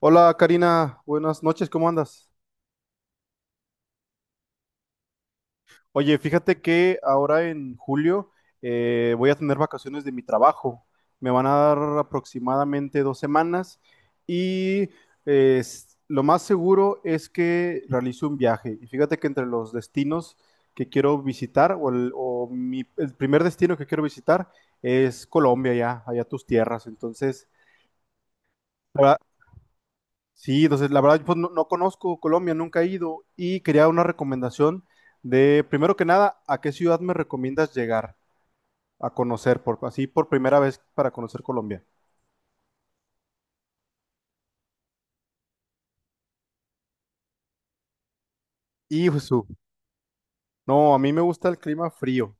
Hola Karina, buenas noches, ¿cómo andas? Oye, fíjate que ahora en julio voy a tener vacaciones de mi trabajo. Me van a dar aproximadamente 2 semanas y lo más seguro es que realice un viaje. Y fíjate que entre los destinos que quiero visitar o, el, o mi- el primer destino que quiero visitar es Colombia, ya, allá tus tierras. Entonces, sí, entonces la verdad pues, no conozco Colombia, nunca he ido y quería una recomendación de, primero que nada, ¿a qué ciudad me recomiendas llegar a conocer por así por primera vez para conocer Colombia? Y Jesús, no, a mí me gusta el clima frío.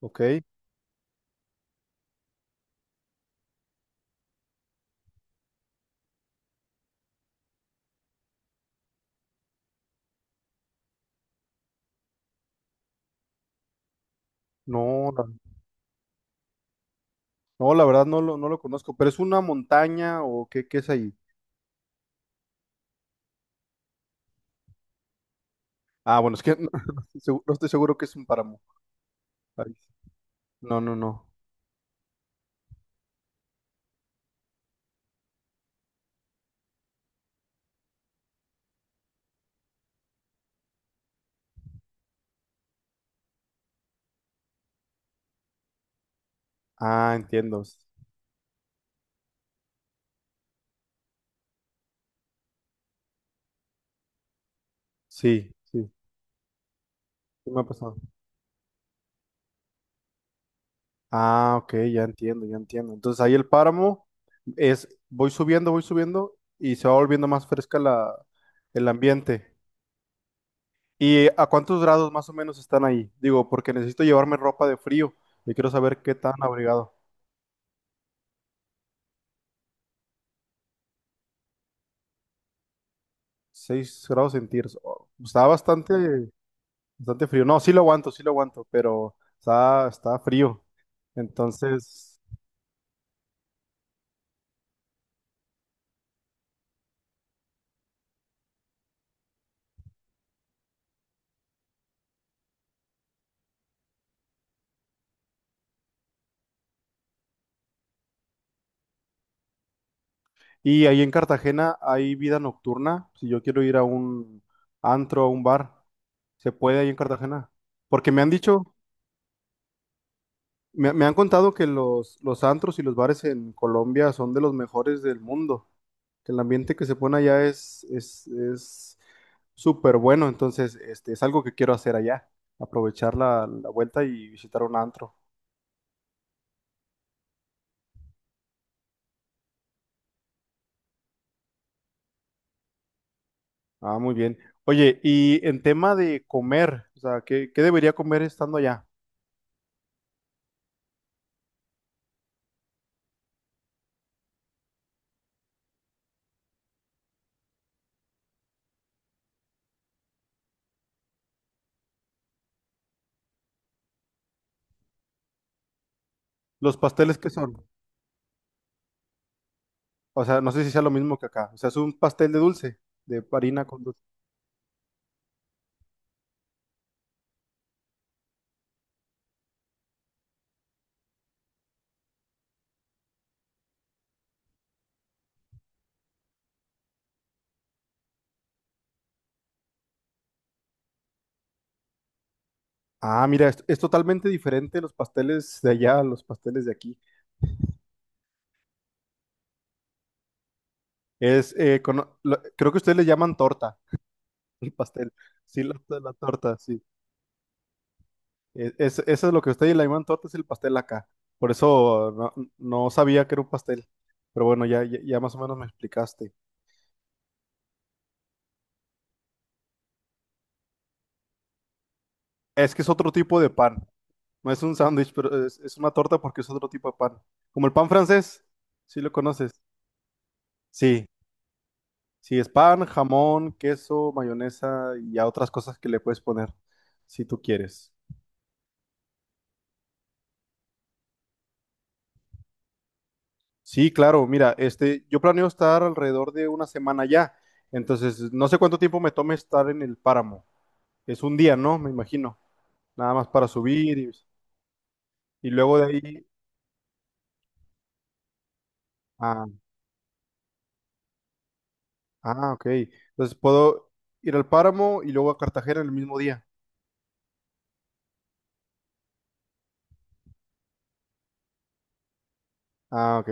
¿Ok? No, la- no, la verdad no lo conozco, pero es una montaña o qué es ahí. Ah, bueno, es que no estoy seguro, no estoy seguro que es un páramo. Ay, no, no, no. Ah, entiendo. Sí, sí, sí me ha pasado. Ah, ok, ya entiendo, ya entiendo. Entonces ahí el páramo es, voy subiendo y se va volviendo más fresca el ambiente. ¿Y a cuántos grados más o menos están ahí? Digo, porque necesito llevarme ropa de frío y quiero saber qué tan abrigado. 6 grados centígrados. Oh, está bastante, bastante frío. No, sí lo aguanto, pero está frío. Entonces, y ahí en Cartagena hay vida nocturna. Si yo quiero ir a un antro, a un bar. ¿Se puede ahí en Cartagena? Porque me han dicho, me han contado que los antros y los bares en Colombia son de los mejores del mundo, que el ambiente que se pone allá es súper bueno, entonces este, es algo que quiero hacer allá, aprovechar la vuelta y visitar un antro. Ah, muy bien. Oye, y en tema de comer, o sea, ¿qué debería comer estando allá? ¿Los pasteles qué son? O sea, no sé si sea lo mismo que acá, o sea, es un pastel de dulce, de harina con... Ah, mira, es totalmente diferente los pasteles de allá a los pasteles de aquí. Creo que ustedes le llaman torta, el pastel. Sí, la torta, sí. Es, eso es lo que ustedes le llaman torta, es el pastel acá. Por eso no sabía que era un pastel. Pero bueno, ya, ya, ya más o menos me explicaste. Es que es otro tipo de pan. No es un sándwich, pero es una torta porque es otro tipo de pan. Como el pan francés, sí lo conoces. Sí, sí, es pan, jamón, queso, mayonesa y a otras cosas que le puedes poner si tú quieres. Sí, claro, mira, este, yo planeo estar alrededor de una semana ya, entonces no sé cuánto tiempo me tome estar en el páramo. Es un día, ¿no? Me imagino, nada más para subir y luego de ahí. Ah, ah, ok. Entonces puedo ir al páramo y luego a Cartagena el mismo día. Ah, ok,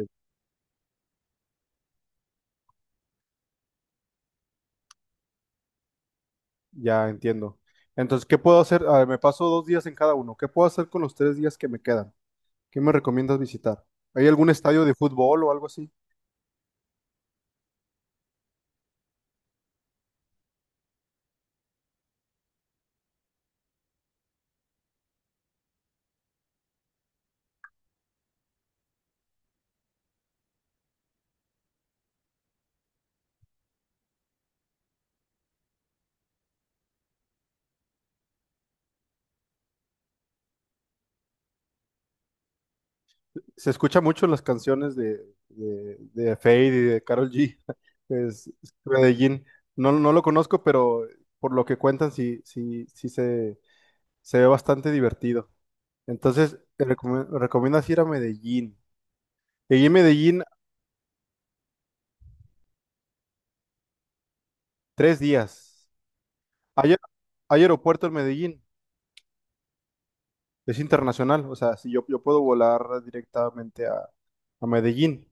ya entiendo. Entonces, ¿qué puedo hacer? Ah, me paso 2 días en cada uno. ¿Qué puedo hacer con los 3 días que me quedan? ¿Qué me recomiendas visitar? ¿Hay algún estadio de fútbol o algo así? Se escucha mucho en las canciones de, de Fade y de Karol G. Es Medellín. No, no lo conozco, pero por lo que cuentan, sí, sí, sí se ve bastante divertido. Entonces, te recomiendas ir a Medellín. Y en Medellín, 3 días. ¿Hay, hay aeropuerto en Medellín? Es internacional. O sea, si yo puedo volar directamente a, Medellín.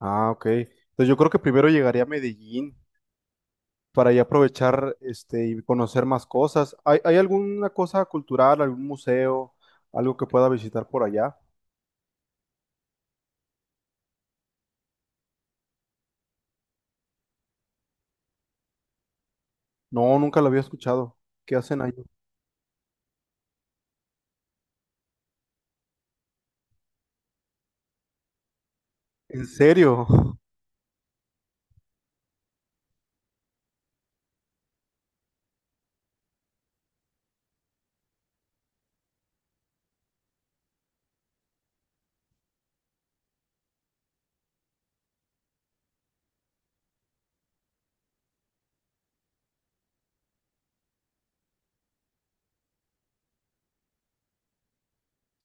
Ah, ok. Entonces yo creo que primero llegaría a Medellín para ya aprovechar este y conocer más cosas. ¿Hay alguna cosa cultural, algún museo, algo que pueda visitar por allá? No, nunca lo había escuchado. ¿Qué hacen ahí? ¿En serio?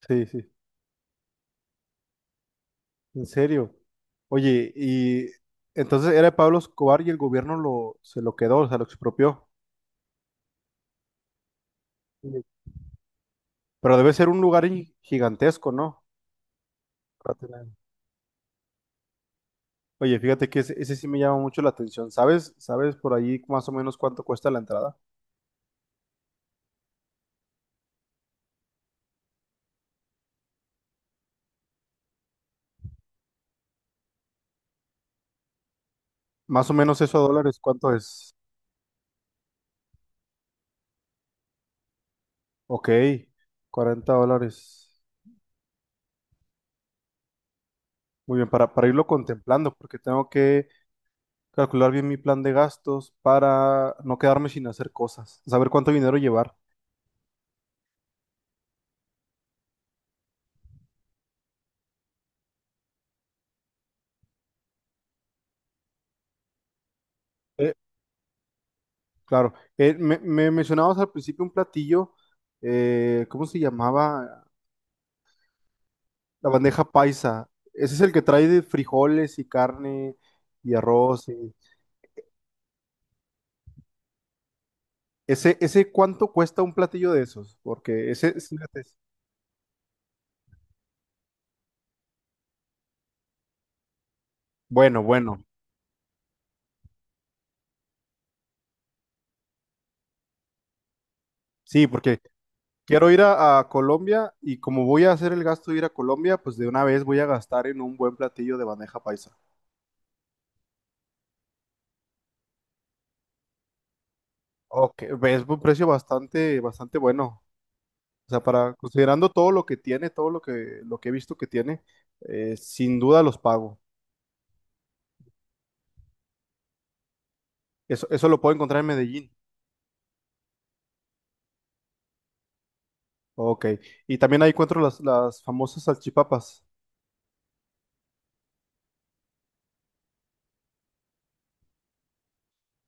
Sí, sí, en serio. Oye, y entonces era de Pablo Escobar y el gobierno se lo quedó, o sea, lo expropió. Sí. Pero debe ser un lugar gigantesco, ¿no? Para tener- Oye, fíjate que ese sí me llama mucho la atención. ¿Sabes? ¿Sabes por ahí más o menos cuánto cuesta la entrada? Más o menos eso a dólares, ¿cuánto es? Ok, $40. Muy bien, para irlo contemplando, porque tengo que calcular bien mi plan de gastos para no quedarme sin hacer cosas, saber cuánto dinero llevar. Eh, claro, me mencionabas al principio un platillo, ¿cómo se llamaba? La bandeja paisa. Ese es el que trae de frijoles y carne y arroz. Ese cuánto cuesta un platillo de esos, porque bueno, bueno, sí, porque quiero ir a, Colombia y como voy a hacer el gasto de ir a Colombia, pues de una vez voy a gastar en un buen platillo de bandeja paisa. Ok, es un precio bastante, bastante bueno. O sea, para considerando todo lo que tiene, todo lo que he visto que tiene, sin duda los pago. Eso lo puedo encontrar en Medellín. Ok. Y también ahí encuentro las famosas salchipapas.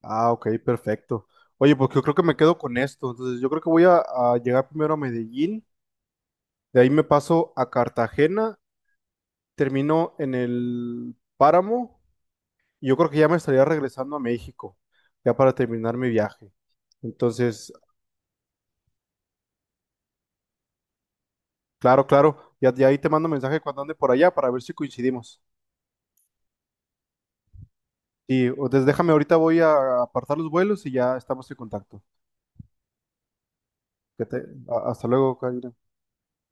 Ah, ok, perfecto. Oye, pues yo creo que me quedo con esto. Entonces, yo creo que voy a, llegar primero a Medellín, de ahí me paso a Cartagena, termino en el Páramo, y yo creo que ya me estaría regresando a México, ya para terminar mi viaje. Entonces, claro, claro, ya, ya ahí te mando mensaje cuando ande por allá para ver si coincidimos. Y entonces déjame, ahorita voy a apartar los vuelos y ya estamos en contacto. Hasta luego, Karina.